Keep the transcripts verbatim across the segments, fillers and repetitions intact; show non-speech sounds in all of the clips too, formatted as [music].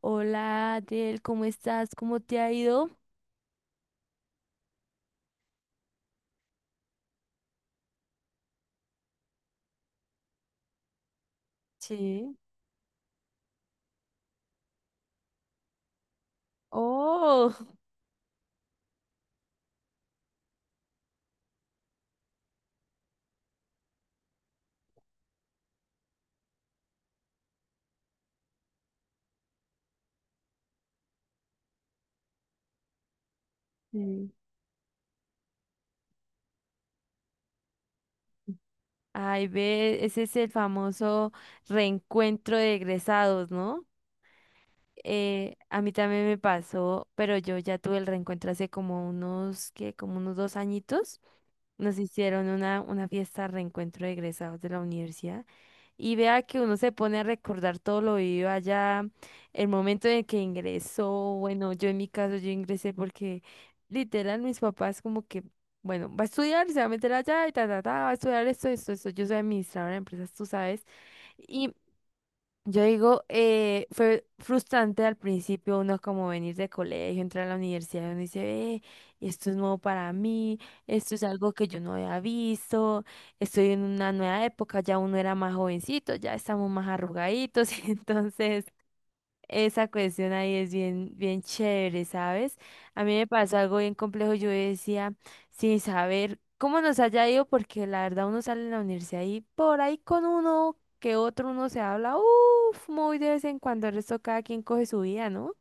Hola, Adel, ¿cómo estás? ¿Cómo te ha ido? Sí. Oh, sí. Ay, ve, ese es el famoso reencuentro de egresados, ¿no? Eh, a mí también me pasó, pero yo ya tuve el reencuentro hace como unos, ¿qué? Como unos dos añitos. Nos hicieron una, una fiesta de reencuentro de egresados de la universidad. Y vea que uno se pone a recordar todo lo vivido allá, el momento en el que ingresó. Bueno, yo en mi caso, yo ingresé porque literal mis papás como que, bueno, va a estudiar, se va a meter allá y ta, ta, ta, va a estudiar esto, esto, esto. Yo soy administradora de empresas, tú sabes. Yo digo, eh, fue frustrante al principio, uno como venir de colegio, entrar a la universidad, uno dice, eh, esto es nuevo para mí, esto es algo que yo no había visto, estoy en una nueva época, ya uno era más jovencito, ya estamos más arrugaditos, [laughs] entonces esa cuestión ahí es bien, bien chévere, ¿sabes? A mí me pasó algo bien complejo. Yo decía, sin saber cómo nos haya ido, porque la verdad uno sale de la universidad y por ahí con uno que otro uno se habla, uff, muy de vez en cuando. El resto cada quien coge su vida, ¿no?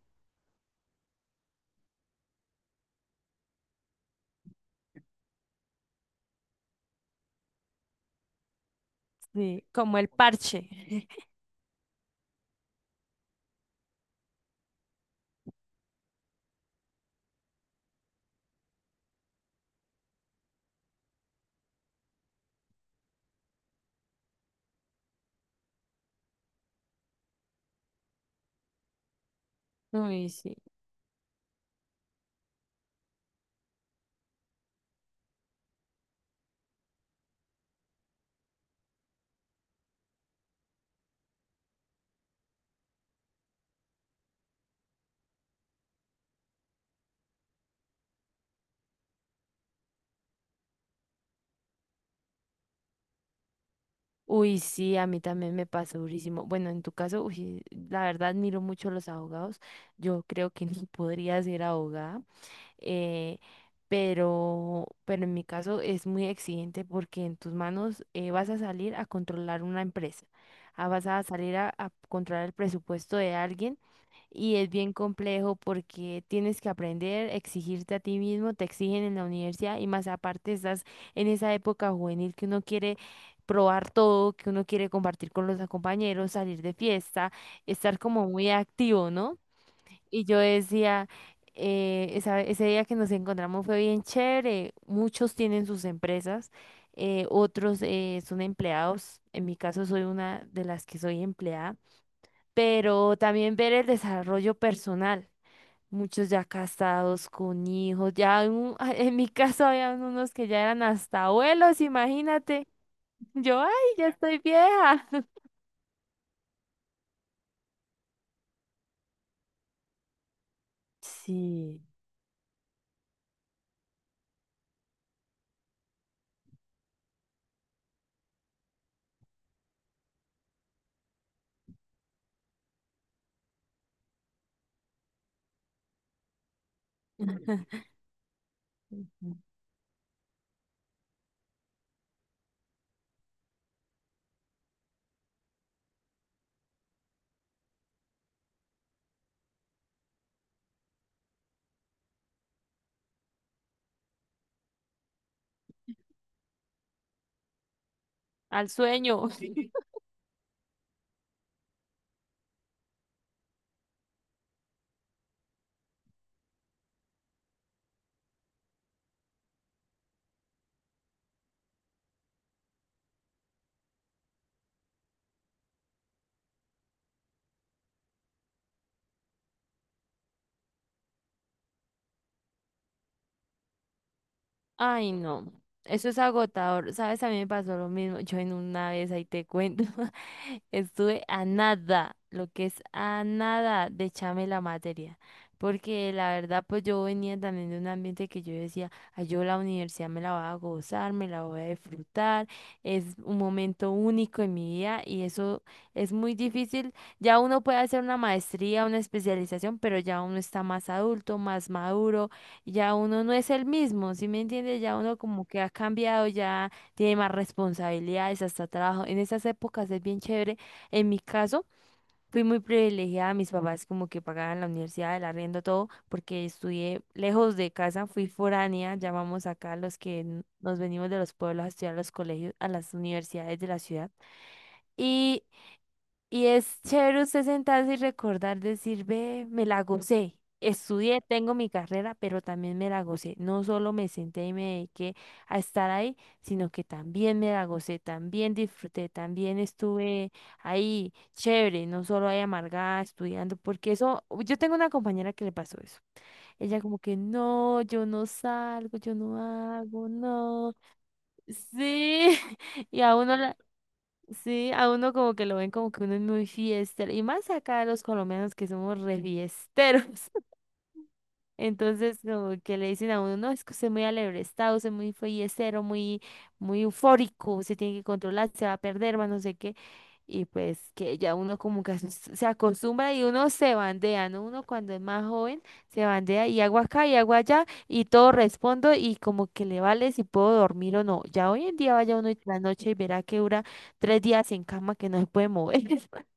Sí, como el parche. [laughs] Uy, sí. Uy, sí, a mí también me pasó durísimo. Bueno, en tu caso, uy, la verdad admiro mucho a los abogados. Yo creo que ni podría ser abogada. eh, pero, pero en mi caso es muy exigente porque en tus manos eh, vas a salir a controlar una empresa, ah, vas a salir a, a controlar el presupuesto de alguien y es bien complejo porque tienes que aprender, exigirte a ti mismo, te exigen en la universidad y más aparte estás en esa época juvenil que uno quiere probar todo, que uno quiere compartir con los compañeros, salir de fiesta, estar como muy activo, ¿no? Y yo decía, eh, esa- ese día que nos encontramos fue bien chévere. Muchos tienen sus empresas, eh, otros eh, son empleados. En mi caso soy una de las que soy empleada, pero también ver el desarrollo personal. Muchos ya casados con hijos, ya un- [laughs] en mi caso habían unos que ya eran hasta abuelos, imagínate. Yo, ay, ya estoy vieja. [laughs] Sí, ujú, al sueño. Ay, no, eso es agotador. Sabes, a mí me pasó lo mismo. Yo en una vez ahí te cuento. [laughs] Estuve a nada, lo que es a nada de echarme la materia. Porque la verdad, pues yo venía también de un ambiente que yo decía, "Ay, yo la universidad me la voy a gozar, me la voy a disfrutar, es un momento único en mi vida y eso es muy difícil". Ya uno puede hacer una maestría, una especialización, pero ya uno está más adulto, más maduro, ya uno no es el mismo, ¿sí me entiendes? Ya uno como que ha cambiado, ya tiene más responsabilidades, hasta trabajo. En esas épocas es bien chévere. En mi caso, fui muy privilegiada. Mis papás como que pagaban la universidad, el arriendo, todo, porque estudié lejos de casa, fui foránea, llamamos acá los que n- nos venimos de los pueblos a estudiar a los colegios, a las universidades de la ciudad. Y y es chévere usted sentarse y recordar, decir, ve, me la gocé. Estudié, tengo mi carrera, pero también me la gocé. No solo me senté y me dediqué a estar ahí, sino que también me la gocé, también disfruté, también estuve ahí chévere, no solo ahí amargada estudiando, porque eso, yo tengo una compañera que le pasó eso. Ella como que, no, yo no salgo, yo no hago, no. Sí, [laughs] y a uno la... Sí, a uno como que lo ven como que uno es muy fiestero. Y más acá los colombianos que somos re fiesteros. Entonces, como que le dicen a uno, no, es que usted es muy alebrestado, usted es muy follecero, muy, muy eufórico, se tiene que controlar, se va a perder, más no sé qué. Y pues que ya uno como que as- se acostumbra y uno se bandea, ¿no? Uno cuando es más joven se bandea y hago acá y hago allá y todo respondo y como que le vale si puedo dormir o no. Ya hoy en día vaya uno y la noche y verá que dura tres días en cama que no se puede mover. [laughs]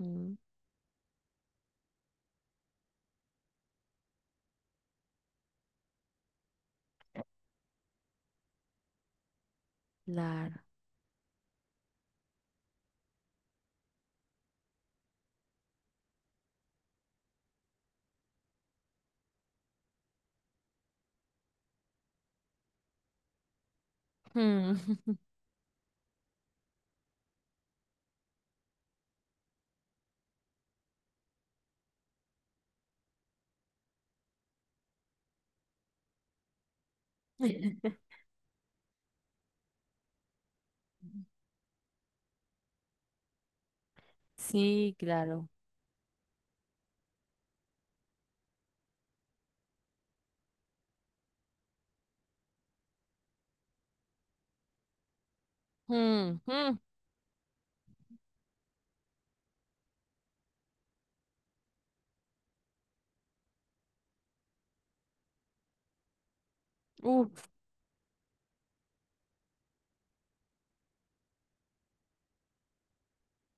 Mm, claro. Mm. [laughs] Sí, claro. Mm, mm, uf,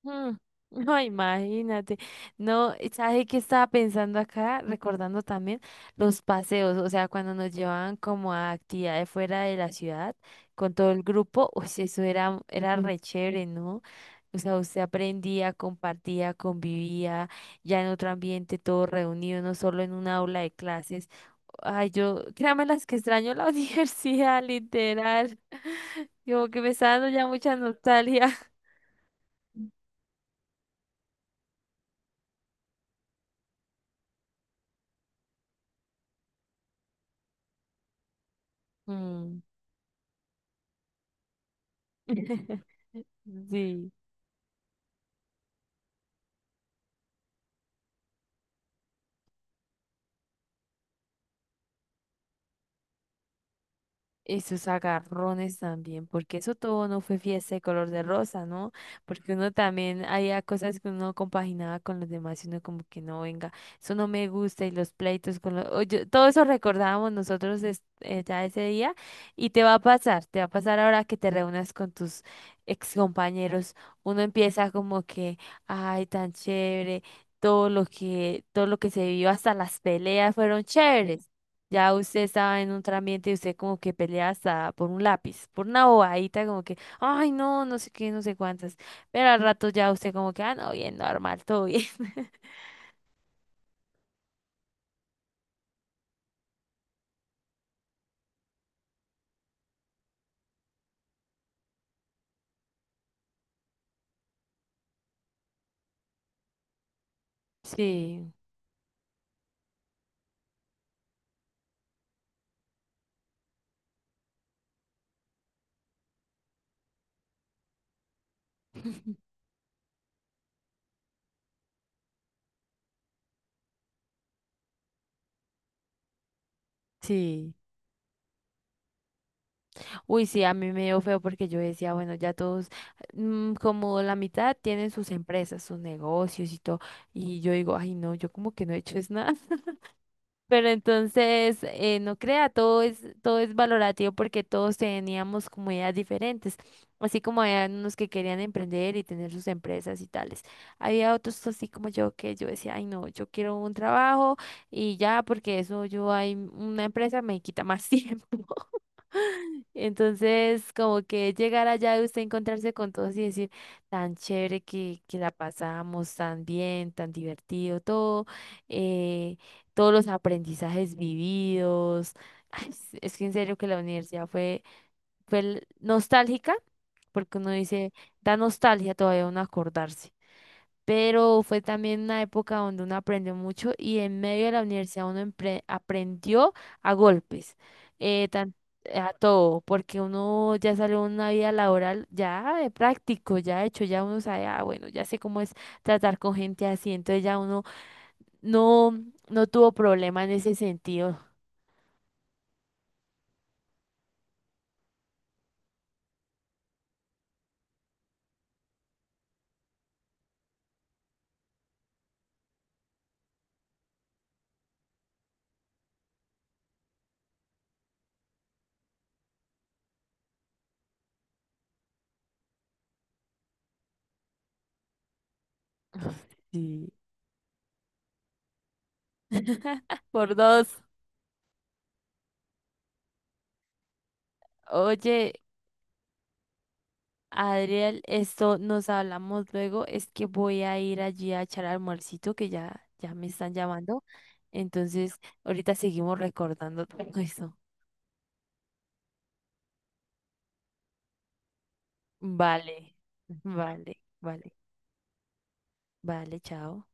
mm. No, imagínate. No, ¿sabes qué estaba pensando acá? Recordando también los paseos, o sea, cuando nos llevaban como a actividades fuera de la ciudad con todo el grupo, uy, eso era, era ujú, re chévere, ¿no? O sea, usted aprendía, compartía, convivía ya en otro ambiente, todo reunido, no solo en una aula de clases. Ay, yo, créame las que extraño la [laughs] universidad, literal. [laughs] Como que me está dando ya mucha nostalgia. Mm. [laughs] Sí, esos agarrones también, porque eso todo no fue fiesta de color de rosa, ¿no? Porque uno también había cosas que uno compaginaba con los demás y uno como que no, venga, eso no me gusta y los pleitos con los... o yo todo eso recordábamos nosotros es- eh, ya ese día y te va a pasar, te va a pasar ahora que te reúnas con tus ex compañeros. Uno empieza como que, ay, tan chévere, todo lo que, todo lo que se vivió hasta las peleas fueron chéveres. Ya usted estaba en otro ambiente y usted como que pelea hasta por un lápiz, por una bobadita, como que, ay, no, no sé qué, no sé cuántas. Pero al rato ya usted como que, ah, no, bien, normal, todo bien. [laughs] Sí. Sí, uy, sí, a mí me dio feo porque yo decía, bueno, ya todos, mm, como la mitad tienen sus empresas, sus negocios y todo, y yo digo, ay, no, yo como que no he hecho es nada. Pero entonces, eh, no crea, todo es, todo es valorativo porque todos teníamos como ideas diferentes, así como había unos que querían emprender y tener sus empresas y tales. Había otros así como yo que yo decía, ay no, yo quiero un trabajo y ya porque eso yo hay una empresa me quita más [laughs] tiempo. Entonces, como que llegar allá de usted encontrarse con todos y decir, tan chévere que, que la pasamos, tan bien, tan divertido, todo, eh, todos los aprendizajes vividos. Ay, es, es que en serio que la universidad fue, fue l- nostálgica, porque uno dice, da nostalgia todavía uno acordarse, pero fue también una época donde uno aprendió mucho y en medio de la universidad uno empre- aprendió a golpes, eh, tan- a todo, porque uno ya salió una vida laboral ya de práctico, ya hecho, ya uno sabe, ah, bueno, ya sé cómo es tratar con gente así, entonces ya uno no, no tuvo problema en ese sentido. [laughs] Sí. [laughs] Por dos. Oye, Adriel, esto nos hablamos luego. Es que voy a ir allí a echar almuercito, que ya, ya me están llamando. Entonces, ahorita seguimos recordando [laughs] todo eso. Vale, vale, vale, vale, chao.